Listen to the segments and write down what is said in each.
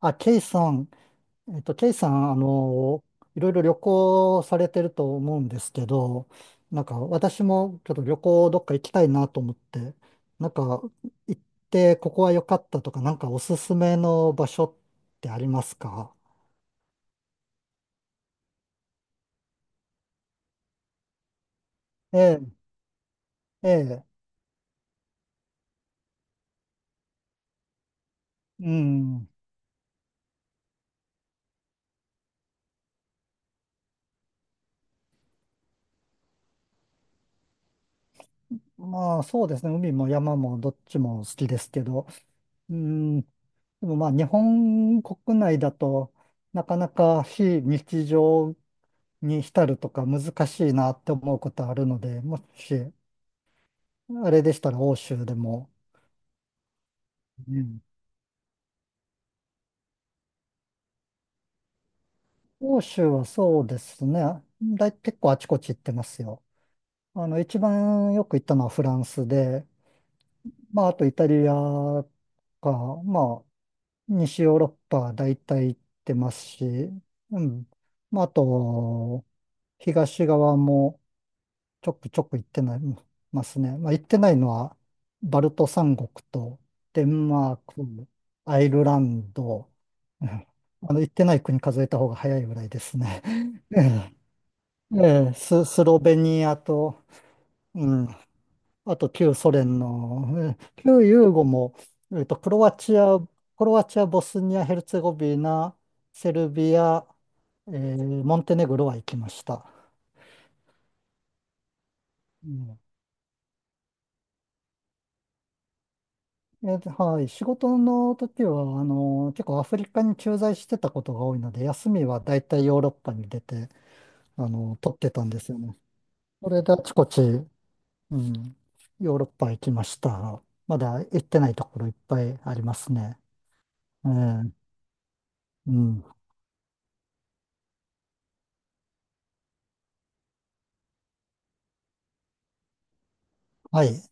あ、ケイさん、えっと、ケイさん、あの、いろいろ旅行されてると思うんですけど、なんか私もちょっと旅行どっか行きたいなと思って、なんか行ってここは良かったとか、なんかおすすめの場所ってありますか？ええ、ええ、うん。まあそうですね、海も山もどっちも好きですけど、うん、でもまあ日本国内だとなかなか非日常に浸るとか難しいなって思うことあるので、もし、あれでしたら欧州でも。うん。欧州はそうですね。結構あちこち行ってますよ。一番よく行ったのはフランスで、まあ、あとイタリアか、まあ、西ヨーロッパ大体行ってますし、うん。まあ、あと、東側もちょくちょく行ってないますね。まあ、行ってないのは、バルト三国と、デンマーク、アイルランド、うん行ってない国数えた方が早いぐらいですね。ええ、スロベニアと、うん、あと旧ソ連の、ええ旧ユーゴも、クロアチア、ボスニア、ヘルツェゴビナ、セルビア、ええモンテネグロは行きました。うんはい。仕事の時は、結構アフリカに駐在してたことが多いので、休みは大体ヨーロッパに出て、取ってたんですよね。それであちこち、うん、ヨーロッパ行きました。まだ行ってないところいっぱいありますね。ええ、うん。はい。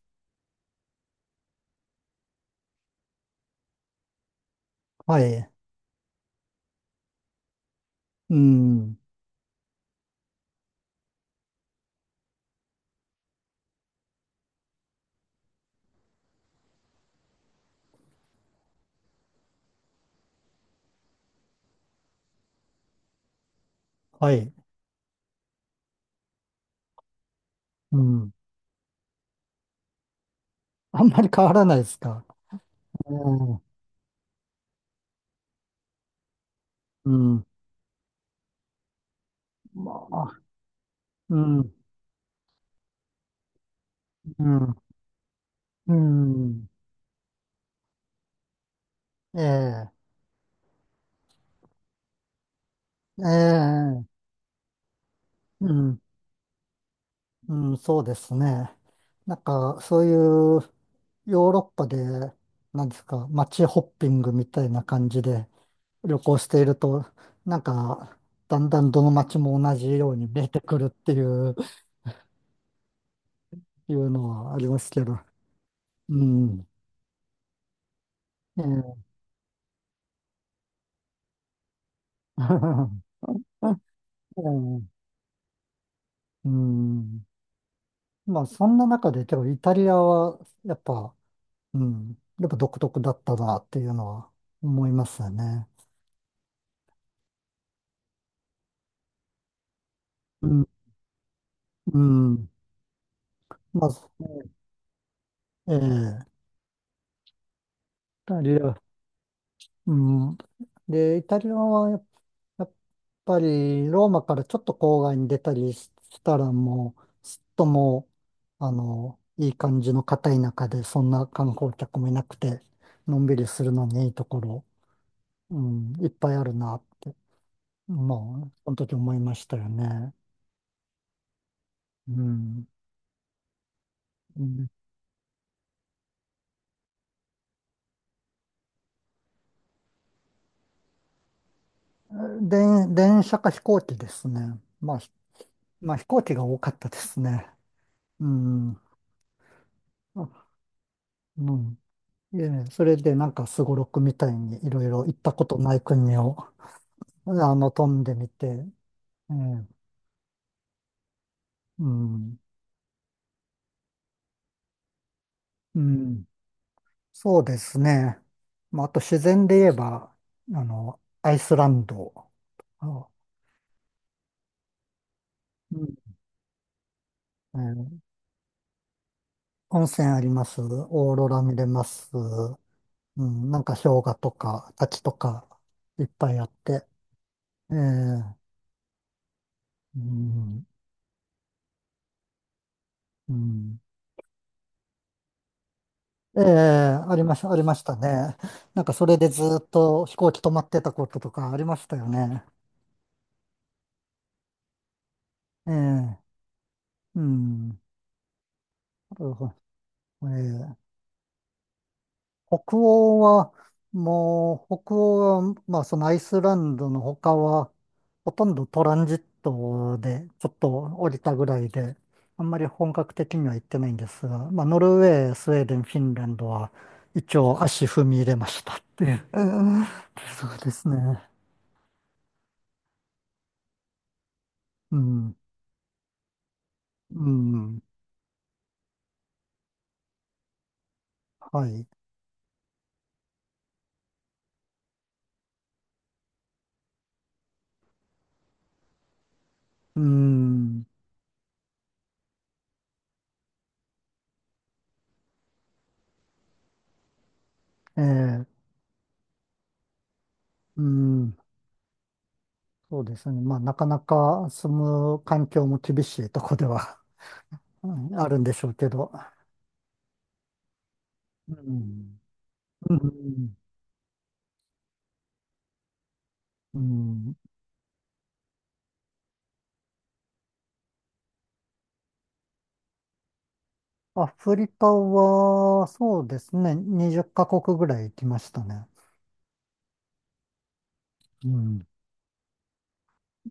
はい。うん。はい。うん。あんまり変わらないですか？ええ、うん。まあ、うん。うん。うん。ええ、ええ、うん。うん、そうですね。なんか、そういうヨーロッパで、なんですか、街ホッピングみたいな感じで旅行していると、なんか、だんだんどの街も同じように見えてくるっていう、いうのはありますけど。うん。ええ うんうん。まあ、そんな中で、けど、イタリアは、やっぱ、うん、やっぱ独特だったなっていうのは思いますよね。うん。うん。まあええ、イタリア、うん。で、イタリアはやっぱりローマからちょっと郊外に出たりしたらもう、すっともう、いい感じの片田舎で、そんな観光客もいなくて、のんびりするのにいいところ、うん、いっぱいあるなって、もう、その時思いましたよね。うん。うん電車か飛行機ですね。まあ、まあ飛行機が多かったですね。うん。あうん。ええ、それでなんかすごろくみたいにいろいろ行ったことない国を、飛んでみて、ええ、うん、うん、そうですね。まあ、あと自然で言えば、アイスランド、あうんええ、温泉あります、オーロラ見れます、うん、なんか氷河とか滝とかいっぱいあって、ええ、うん、うんええ、ありましたね。なんかそれでずっと飛行機止まってたこととかありましたよね。ええ、うん。なるほどええ、北欧は、もう、北欧は、まあそのアイスランドの他は、ほとんどトランジットでちょっと降りたぐらいで、あんまり本格的には行ってないんですが、まあノルウェー、スウェーデン、フィンランドは一応足踏み入れましたっていう。そうですね。うん。うん。はい。うーん。ええ、うーん。そうですね。まあ、なかなか住む環境も厳しいとこでは うんあるんでしょうけど。うん。うん。うん。アフリカは、そうですね。20カ国ぐらい行きましたね。うん。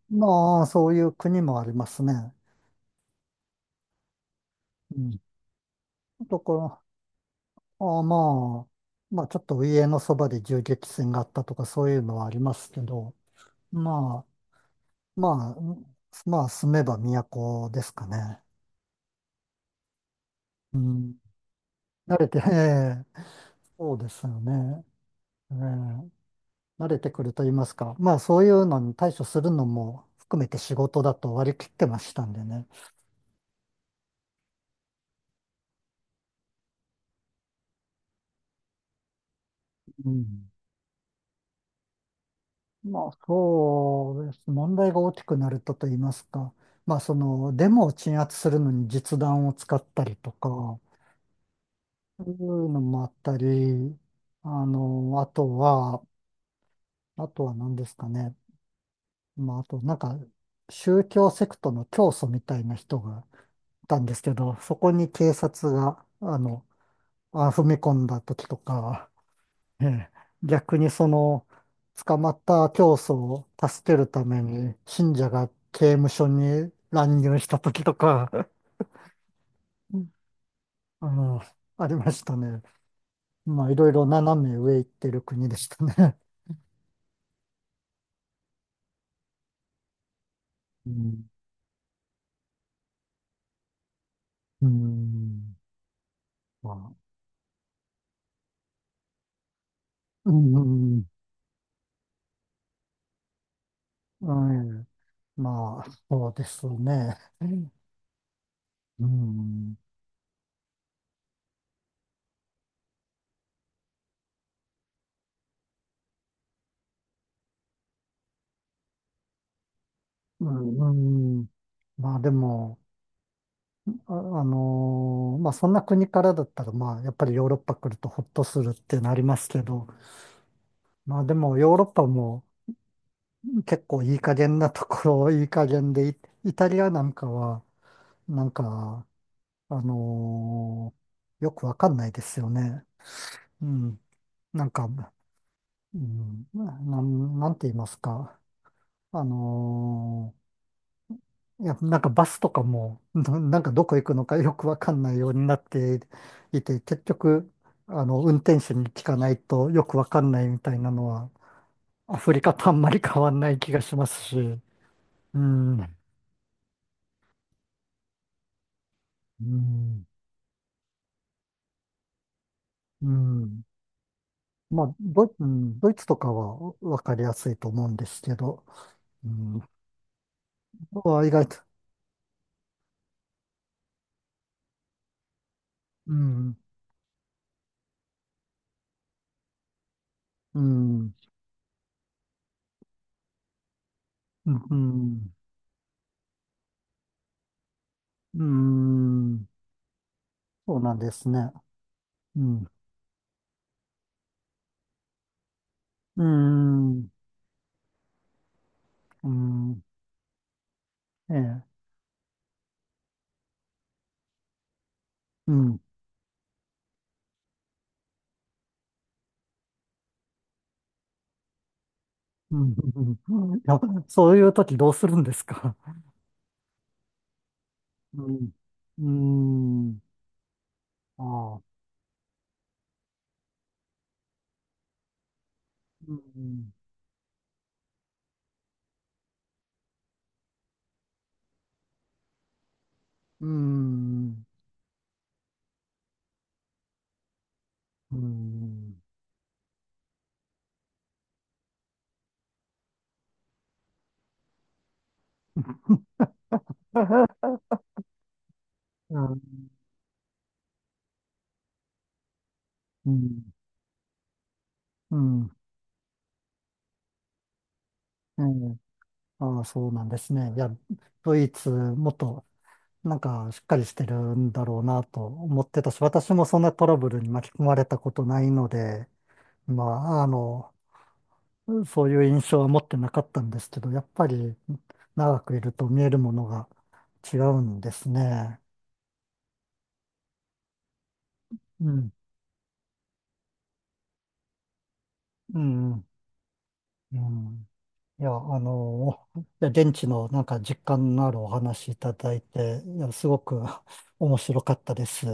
まあ、そういう国もありますね。うん。ところ、あ、まあ、ちょっと家のそばで銃撃戦があったとか、そういうのはありますけど、まあ、まあ、住めば都ですかね。うん。慣れて、ええそうですよね。ええ慣れてくると言いますか。まあ、そういうのに対処するのも含めて仕事だと割り切ってましたんでね。うん。まあ、そうです。問題が大きくなると言いますか。まあ、デモを鎮圧するのに実弾を使ったりとか、そういうのもあったり、あの、あとは、あとは何ですかね。まあ、あと、なんか、宗教セクトの教祖みたいな人がいたんですけど、そこに警察が、踏み込んだ時とか、ええ逆に捕まった教祖を助けるために、信者が刑務所に乱入した時とか、うんあの、ありましたね。まあ、いろいろ斜め上行ってる国でしたね。うん。うん。まあうん。うん。うんまあ、そうですね。うん。うん。うんまあでも、まあそんな国からだったら、まあやっぱりヨーロッパ来るとほっとするってなりますけど、まあでもヨーロッパも結構いい加減なところ、いい加減で、イタリアなんかは、なんか、あのーよくわかんないですよね。うん。なんか、うん、なんて言いますか。あのーいや、なんかバスとかも、なんかどこ行くのかよくわかんないようになっていて、結局、運転手に聞かないとよくわかんないみたいなのは、アフリカとあんまり変わんない気がしますし、うん、うん、うん。まあ、ドイツとかはわかりやすいと思うんですけど、うん、は意外と、うん、うん、うん、うん、うんそうなんですね。うん、うん、うん、ええうん。うん。うんいや、そういう時どうするんですか？うん。うん。ああ。うん。うん。うん。うん。うん。うんええああ、そうなんですね。いや、ドイツ、もっと、なんか、しっかりしてるんだろうなと思ってたし、私もそんなトラブルに巻き込まれたことないので、まあ、そういう印象は持ってなかったんですけど、やっぱり長くいると見えるものが違うんですね。うん、うん、うん。いや、いや現地のなんか実感のあるお話いただいて、いや、すごく 面白かったです。